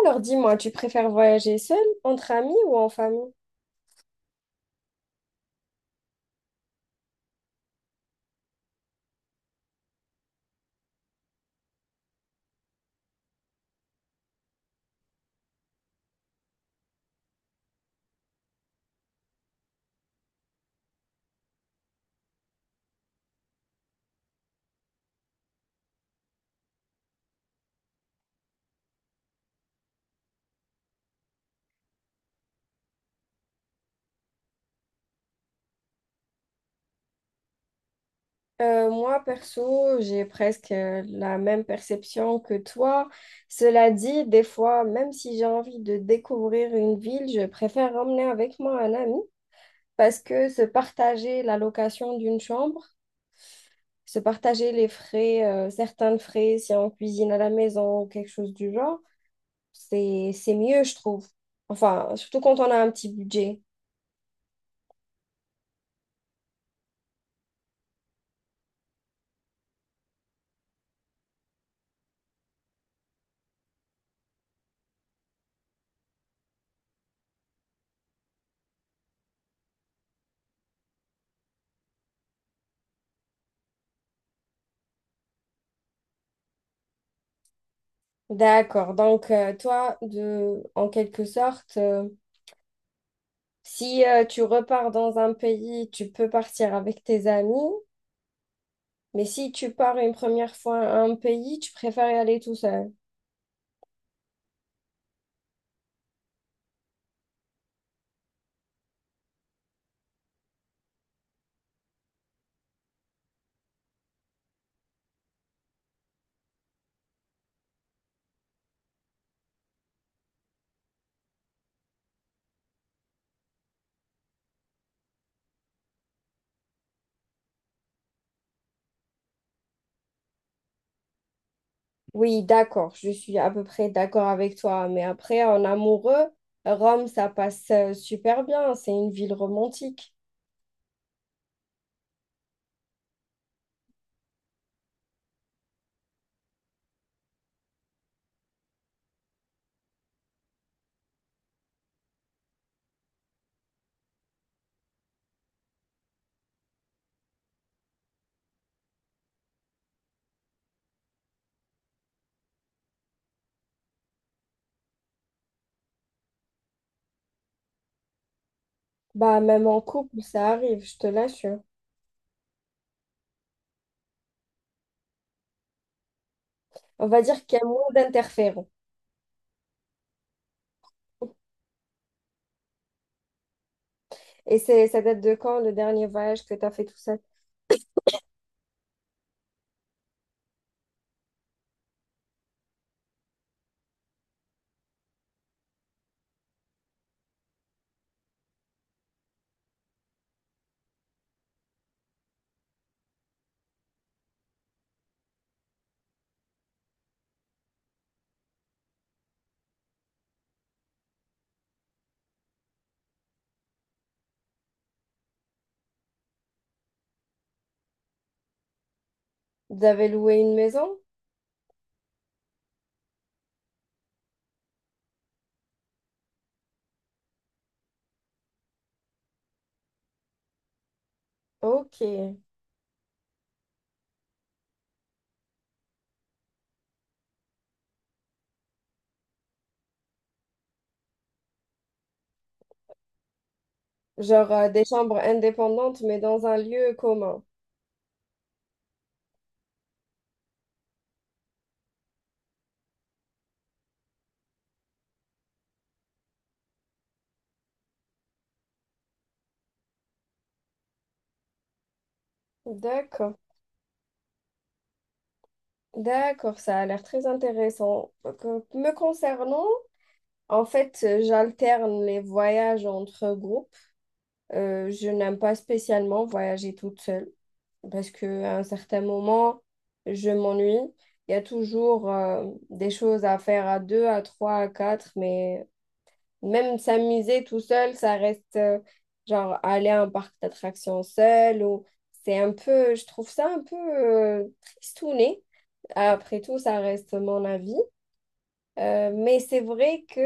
Alors dis-moi, tu préfères voyager seul, entre amis ou en famille? Moi, perso, j'ai presque la même perception que toi. Cela dit, des fois, même si j'ai envie de découvrir une ville, je préfère emmener avec moi un ami parce que se partager la location d'une chambre, se partager les frais, certains frais si on cuisine à la maison ou quelque chose du genre, c'est mieux, je trouve. Enfin, surtout quand on a un petit budget. D'accord. Donc, toi, en quelque sorte, si tu repars dans un pays, tu peux partir avec tes amis, mais si tu pars une première fois à un pays, tu préfères y aller tout seul. Oui, d'accord. Je suis à peu près d'accord avec toi. Mais après, en amoureux, Rome, ça passe super bien. C'est une ville romantique. Bah, même en couple, ça arrive, je te l'assure. On va dire qu'il y a moins d'interférences. Et c'est, ça date de quand, le dernier voyage que tu as fait tout seul? Vous avez loué une maison? Ok. Genre des chambres indépendantes, mais dans un lieu commun. D'accord. D'accord, ça a l'air très intéressant. Donc, me concernant, en fait, j'alterne les voyages entre groupes. Je n'aime pas spécialement voyager toute seule parce qu'à un certain moment, je m'ennuie. Il y a toujours des choses à faire à deux, à trois, à quatre, mais même s'amuser tout seul, ça reste genre aller à un parc d'attractions seul ou c'est un peu, je trouve ça un peu tristouné. Après tout, ça reste mon avis. Mais c'est vrai que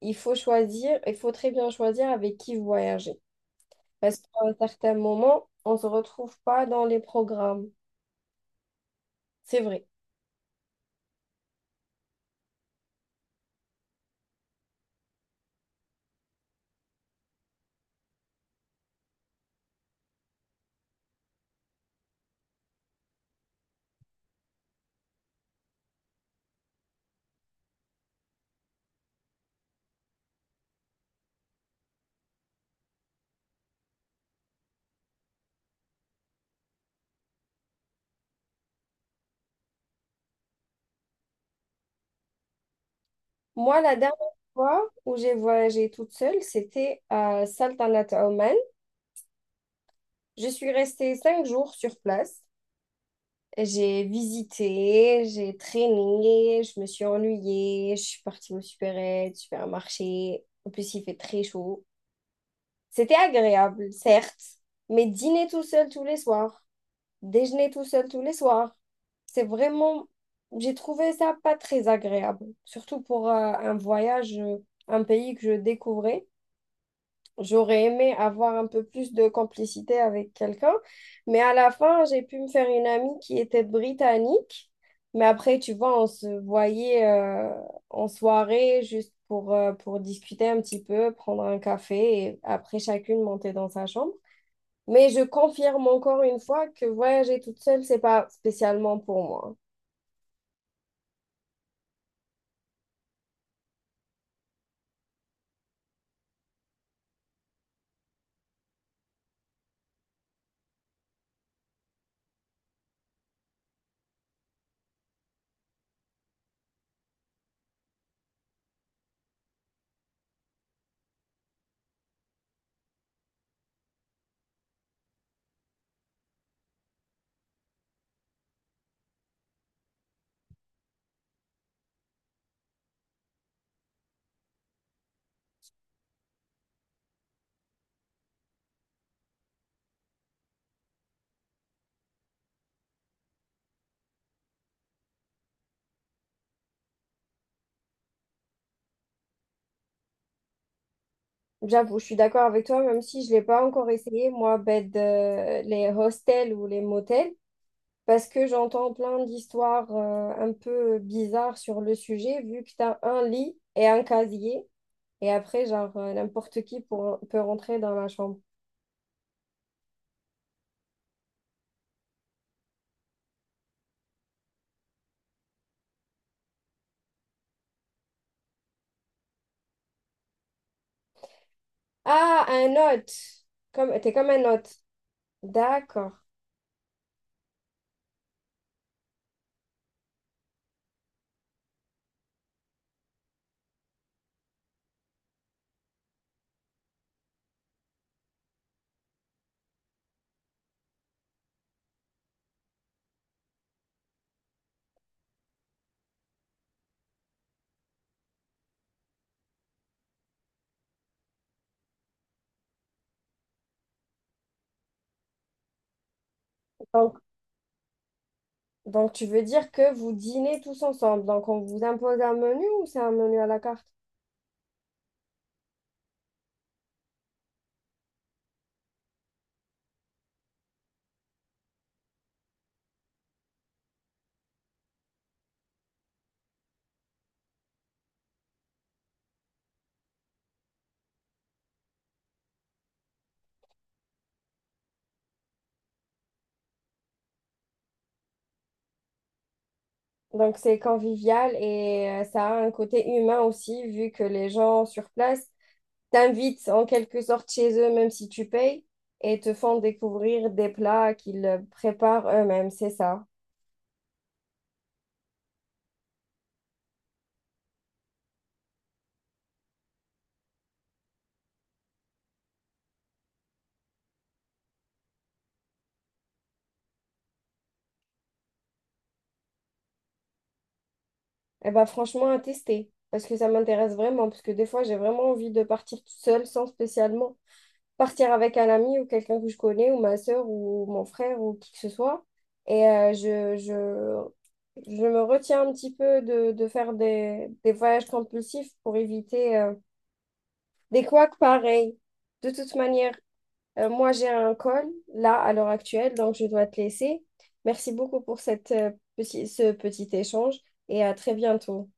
il faut très bien choisir avec qui voyager. Parce qu'à un certain moment, on ne se retrouve pas dans les programmes. C'est vrai. Moi, la dernière fois où j'ai voyagé toute seule, c'était à Saltanat Oman. Je suis restée 5 jours sur place. J'ai visité, j'ai traîné, je me suis ennuyée, je suis partie au supermarché. En plus, il fait très chaud. C'était agréable, certes, mais dîner tout seul tous les soirs, déjeuner tout seul tous les soirs, c'est vraiment... J'ai trouvé ça pas très agréable, surtout pour un voyage, un pays que je découvrais. J'aurais aimé avoir un peu plus de complicité avec quelqu'un, mais à la fin, j'ai pu me faire une amie qui était britannique. Mais après, tu vois, on se voyait en soirée juste pour discuter un petit peu, prendre un café et après chacune monter dans sa chambre. Mais je confirme encore une fois que voyager toute seule, c'est pas spécialement pour moi. J'avoue, je suis d'accord avec toi, même si je l'ai pas encore essayé, moi, les hostels ou les motels. Parce que j'entends plein d'histoires un peu bizarres sur le sujet, vu que tu as un lit et un casier, et après, genre, n'importe qui peut rentrer dans la chambre. Ah, un hôte! Comme, t'es comme un hôte. D'accord. Donc, donc, tu veux dire que vous dînez tous ensemble. Donc, on vous impose un menu ou c'est un menu à la carte? Donc, c'est convivial et ça a un côté humain aussi, vu que les gens sur place, t'invitent en quelque sorte chez eux, même si tu payes, et te font découvrir des plats qu'ils préparent eux-mêmes, c'est ça. Et bah franchement, à tester, parce que ça m'intéresse vraiment, parce que des fois, j'ai vraiment envie de partir toute seule, sans spécialement partir avec un ami ou quelqu'un que je connais, ou ma soeur, ou mon frère, ou qui que ce soit. Et je me retiens un petit peu de faire des voyages compulsifs pour éviter des couacs pareils. De toute manière, moi, j'ai un call là à l'heure actuelle, donc je dois te laisser. Merci beaucoup pour cette, ce petit échange et à très bientôt.